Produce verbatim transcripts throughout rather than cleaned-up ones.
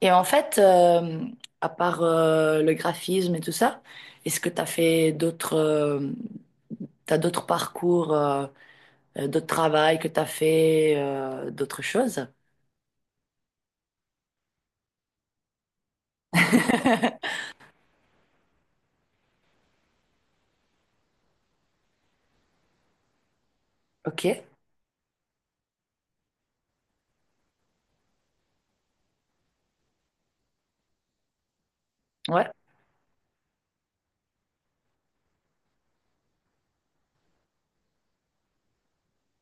Et en fait, euh, à part euh, le graphisme et tout ça, est-ce que tu as fait d'autres euh, t'as d'autres parcours, euh, euh, d'autres travail que tu as fait, euh, d'autres choses? Ok. Ouais.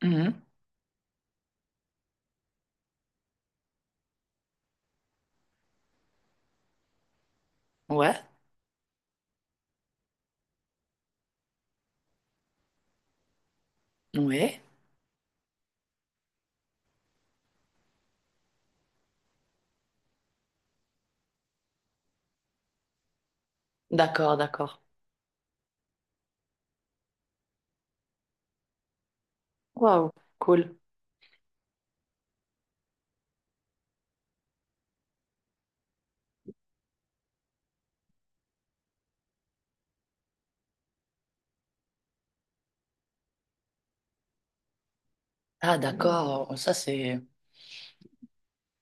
Mhm. Ouais, ouais. D'accord, d'accord. Waouh, cool. Ah, d'accord. Oh, ça c'est.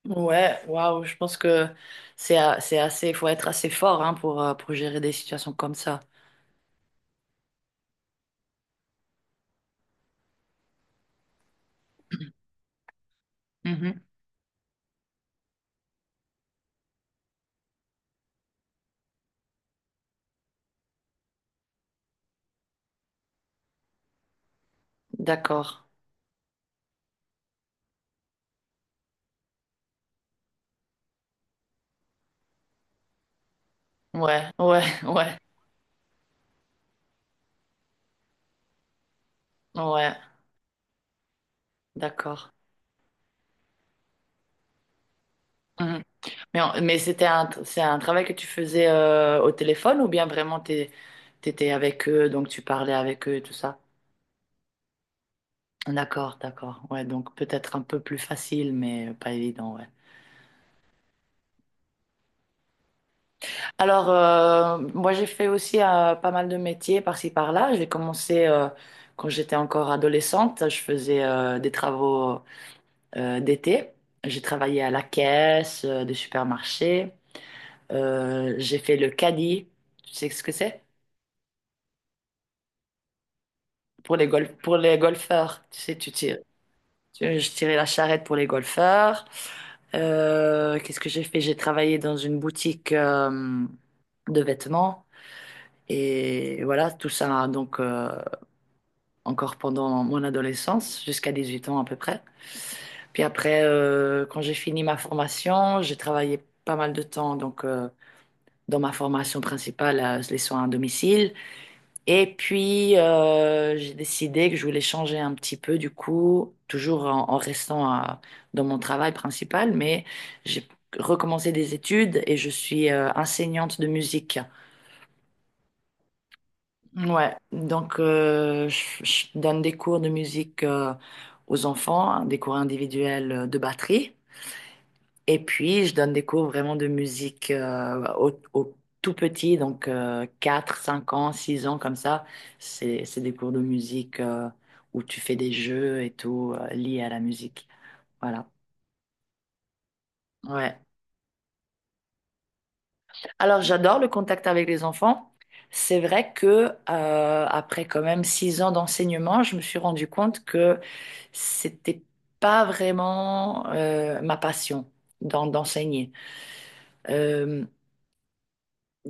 Ouais, waouh, je pense que c'est a- c'est assez, il faut être assez fort, hein, pour, euh, pour gérer des situations comme ça. Mhm. D'accord. Ouais, ouais, ouais, ouais. D'accord. Mhm. Mais, en- mais c'était un, c'est un travail que tu faisais, euh, au téléphone ou bien vraiment t'es, t'étais avec eux, donc tu parlais avec eux et tout ça? D'accord, d'accord. Ouais, donc peut-être un peu plus facile, mais pas évident, ouais. Alors, euh, moi, j'ai fait aussi, euh, pas mal de métiers par-ci, par-là. J'ai commencé, euh, quand j'étais encore adolescente. Je faisais, euh, des travaux, euh, d'été. J'ai travaillé à la caisse, euh, des supermarchés. Euh, j'ai fait le caddie. Tu sais ce que c'est? Pour les golf, pour les golfeurs. Tu sais, tu tires. tu- Je tirais la charrette pour les golfeurs. Euh, qu'est-ce que j'ai fait? J'ai travaillé dans une boutique, euh, de vêtements. Et voilà, tout ça, donc, euh, encore pendant mon adolescence, jusqu'à dix-huit ans à peu près. Puis après, euh, quand j'ai fini ma formation, j'ai travaillé pas mal de temps, donc, euh, dans ma formation principale, euh, les soins à domicile. Et puis, euh, j'ai décidé que je voulais changer un petit peu, du coup, toujours en, en restant, à- dans mon travail principal, mais j'ai recommencé des études et je suis, euh, enseignante de musique. Ouais, donc, euh, je, je donne des cours de musique, euh, aux enfants, hein, des cours individuels, euh, de batterie. Et puis, je donne des cours vraiment de musique, euh, au, au tout petit, donc, euh, quatre, cinq ans, six ans, comme ça. C'est, c'est des cours de musique, euh, où tu fais des jeux et tout, euh, liés à la musique. Voilà. Ouais. Alors, j'adore le contact avec les enfants. C'est vrai que, euh, après quand même six ans d'enseignement, je me suis rendu compte que c'était pas vraiment, euh, ma passion d'en- d'enseigner. Euh,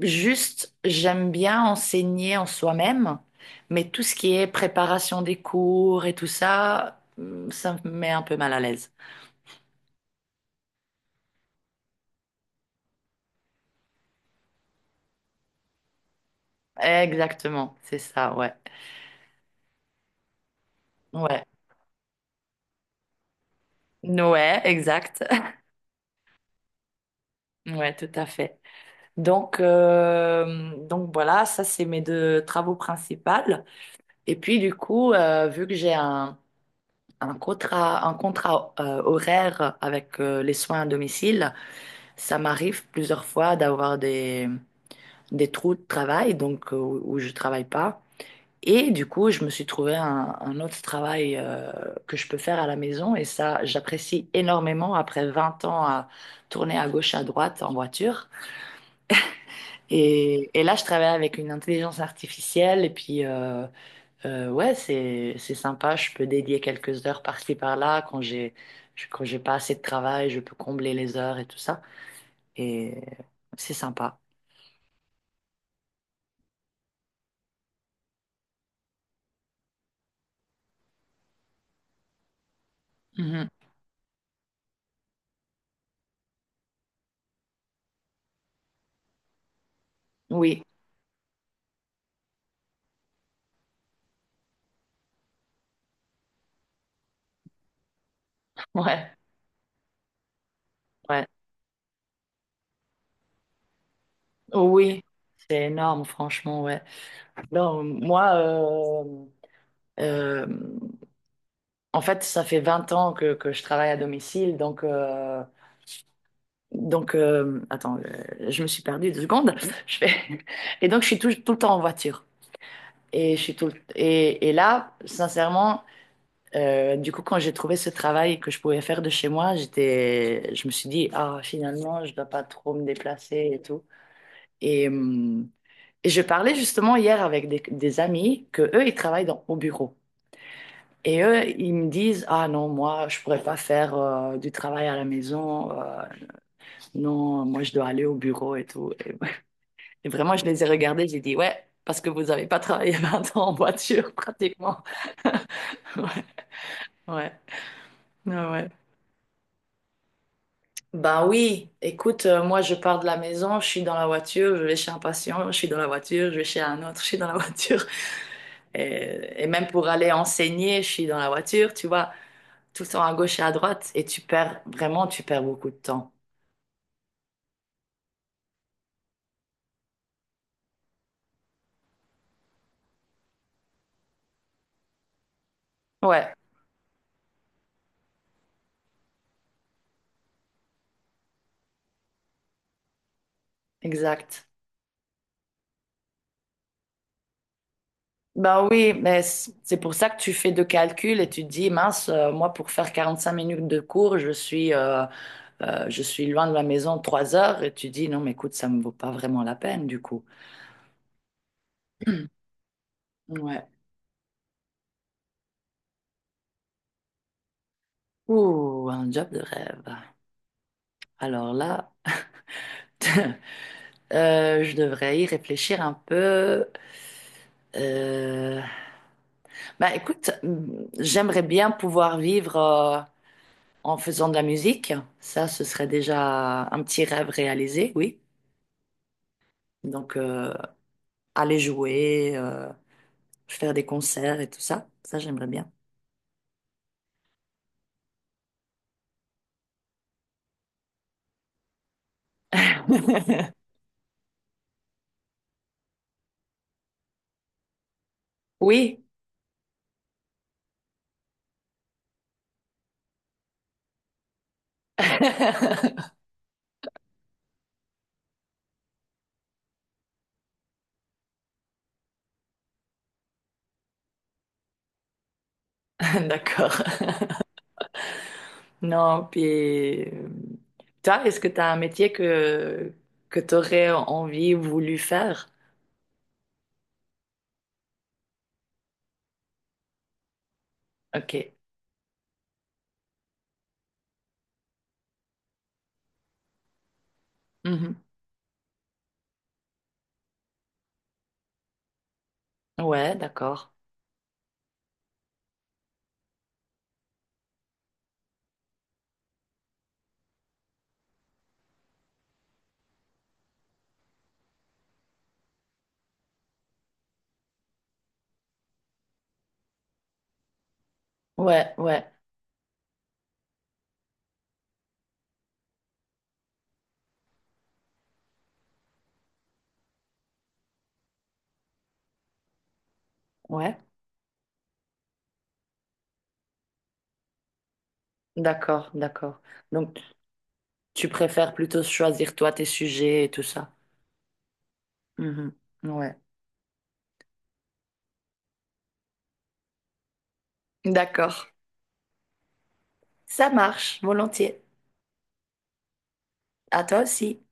Juste, j'aime bien enseigner en soi-même, mais tout ce qui est préparation des cours et tout ça, hum, ça me met un peu mal à l'aise. Exactement, c'est ça, ouais. Ouais. Ouais, exact. Ouais, tout à fait. Donc, euh, donc voilà, ça c'est mes deux travaux principaux. Et puis du coup, euh, vu que j'ai un, un contrat, un contrat, euh, horaire avec, euh, les soins à domicile, ça m'arrive plusieurs fois d'avoir des, des trous de travail, donc, euh, où je travaille pas. Et du coup, je me suis trouvé un, un autre travail, euh, que je peux faire à la maison. Et ça, j'apprécie énormément après vingt ans à tourner à gauche, à droite, en voiture. Et, et là, je travaille avec une intelligence artificielle. Et puis, euh, euh, ouais, c'est, c'est sympa. Je peux dédier quelques heures par-ci, par-là. Quand j'ai, je- quand j'ai pas assez de travail, je peux combler les heures et tout ça. Et c'est sympa. Mhm. Oui, ouais, ouais. Oui, c'est énorme, franchement, ouais. Non, moi, euh, euh, en fait, ça fait vingt ans que, que je travaille à domicile, donc, euh, donc euh, attends, euh, je me suis perdue deux secondes. Je fais... Et donc, je suis tout, tout le temps en voiture. Et, je suis tout le- et, et là, sincèrement, euh, du coup, quand j'ai trouvé ce travail que je pouvais faire de chez moi, j'étais, je me suis dit, ah, finalement, je ne dois pas trop me déplacer et tout. Et, hum, Et je parlais justement hier avec des, des amis que eux, ils travaillent dans, au bureau. Et eux, ils me disent, ah non, moi, je pourrais pas faire, euh, du travail à la maison. Euh, non, moi, je dois aller au bureau et tout. Et, et vraiment, je les ai regardés, j'ai dit, ouais, parce que vous avez pas travaillé vingt ans en voiture, pratiquement. Ouais, ouais, ouais, ouais. Ben oui, écoute, euh, moi, je pars de la maison, je suis dans la voiture, je vais chez un patient, je suis dans la voiture, je vais chez un autre, je suis dans la voiture. Et, et même pour aller enseigner, je suis dans la voiture, tu vois, tout le temps à gauche et à droite, et tu perds, vraiment, tu perds beaucoup de temps. Ouais, exact. Ben oui, mais c- c'est pour ça que tu fais deux calculs et tu te dis, mince, euh, moi, pour faire quarante-cinq minutes de cours, je suis, euh, euh, je suis loin de la maison trois heures, et tu dis, non, mais écoute, ça me vaut pas vraiment la peine, du coup. Ouais. Ouh, un job de rêve. Alors là, euh, je devrais y réfléchir un peu. Euh, Bah écoute, mm, j'aimerais bien pouvoir vivre, euh, en faisant de la musique. Ça, ce serait déjà un petit rêve réalisé, oui. Donc, euh, aller jouer, euh, faire des concerts et tout ça, ça, j'aimerais bien. Oui. D'accord. Non, puis, euh, toi, est-ce que tu as un métier que, que tu aurais envie ou voulu faire? Ok. Mhm. Ouais, d'accord. Ouais, ouais, ouais. D'accord, d'accord. Donc, tu préfères plutôt choisir toi tes sujets et tout ça. Mhm. Ouais. D'accord. Ça marche, volontiers. À toi aussi.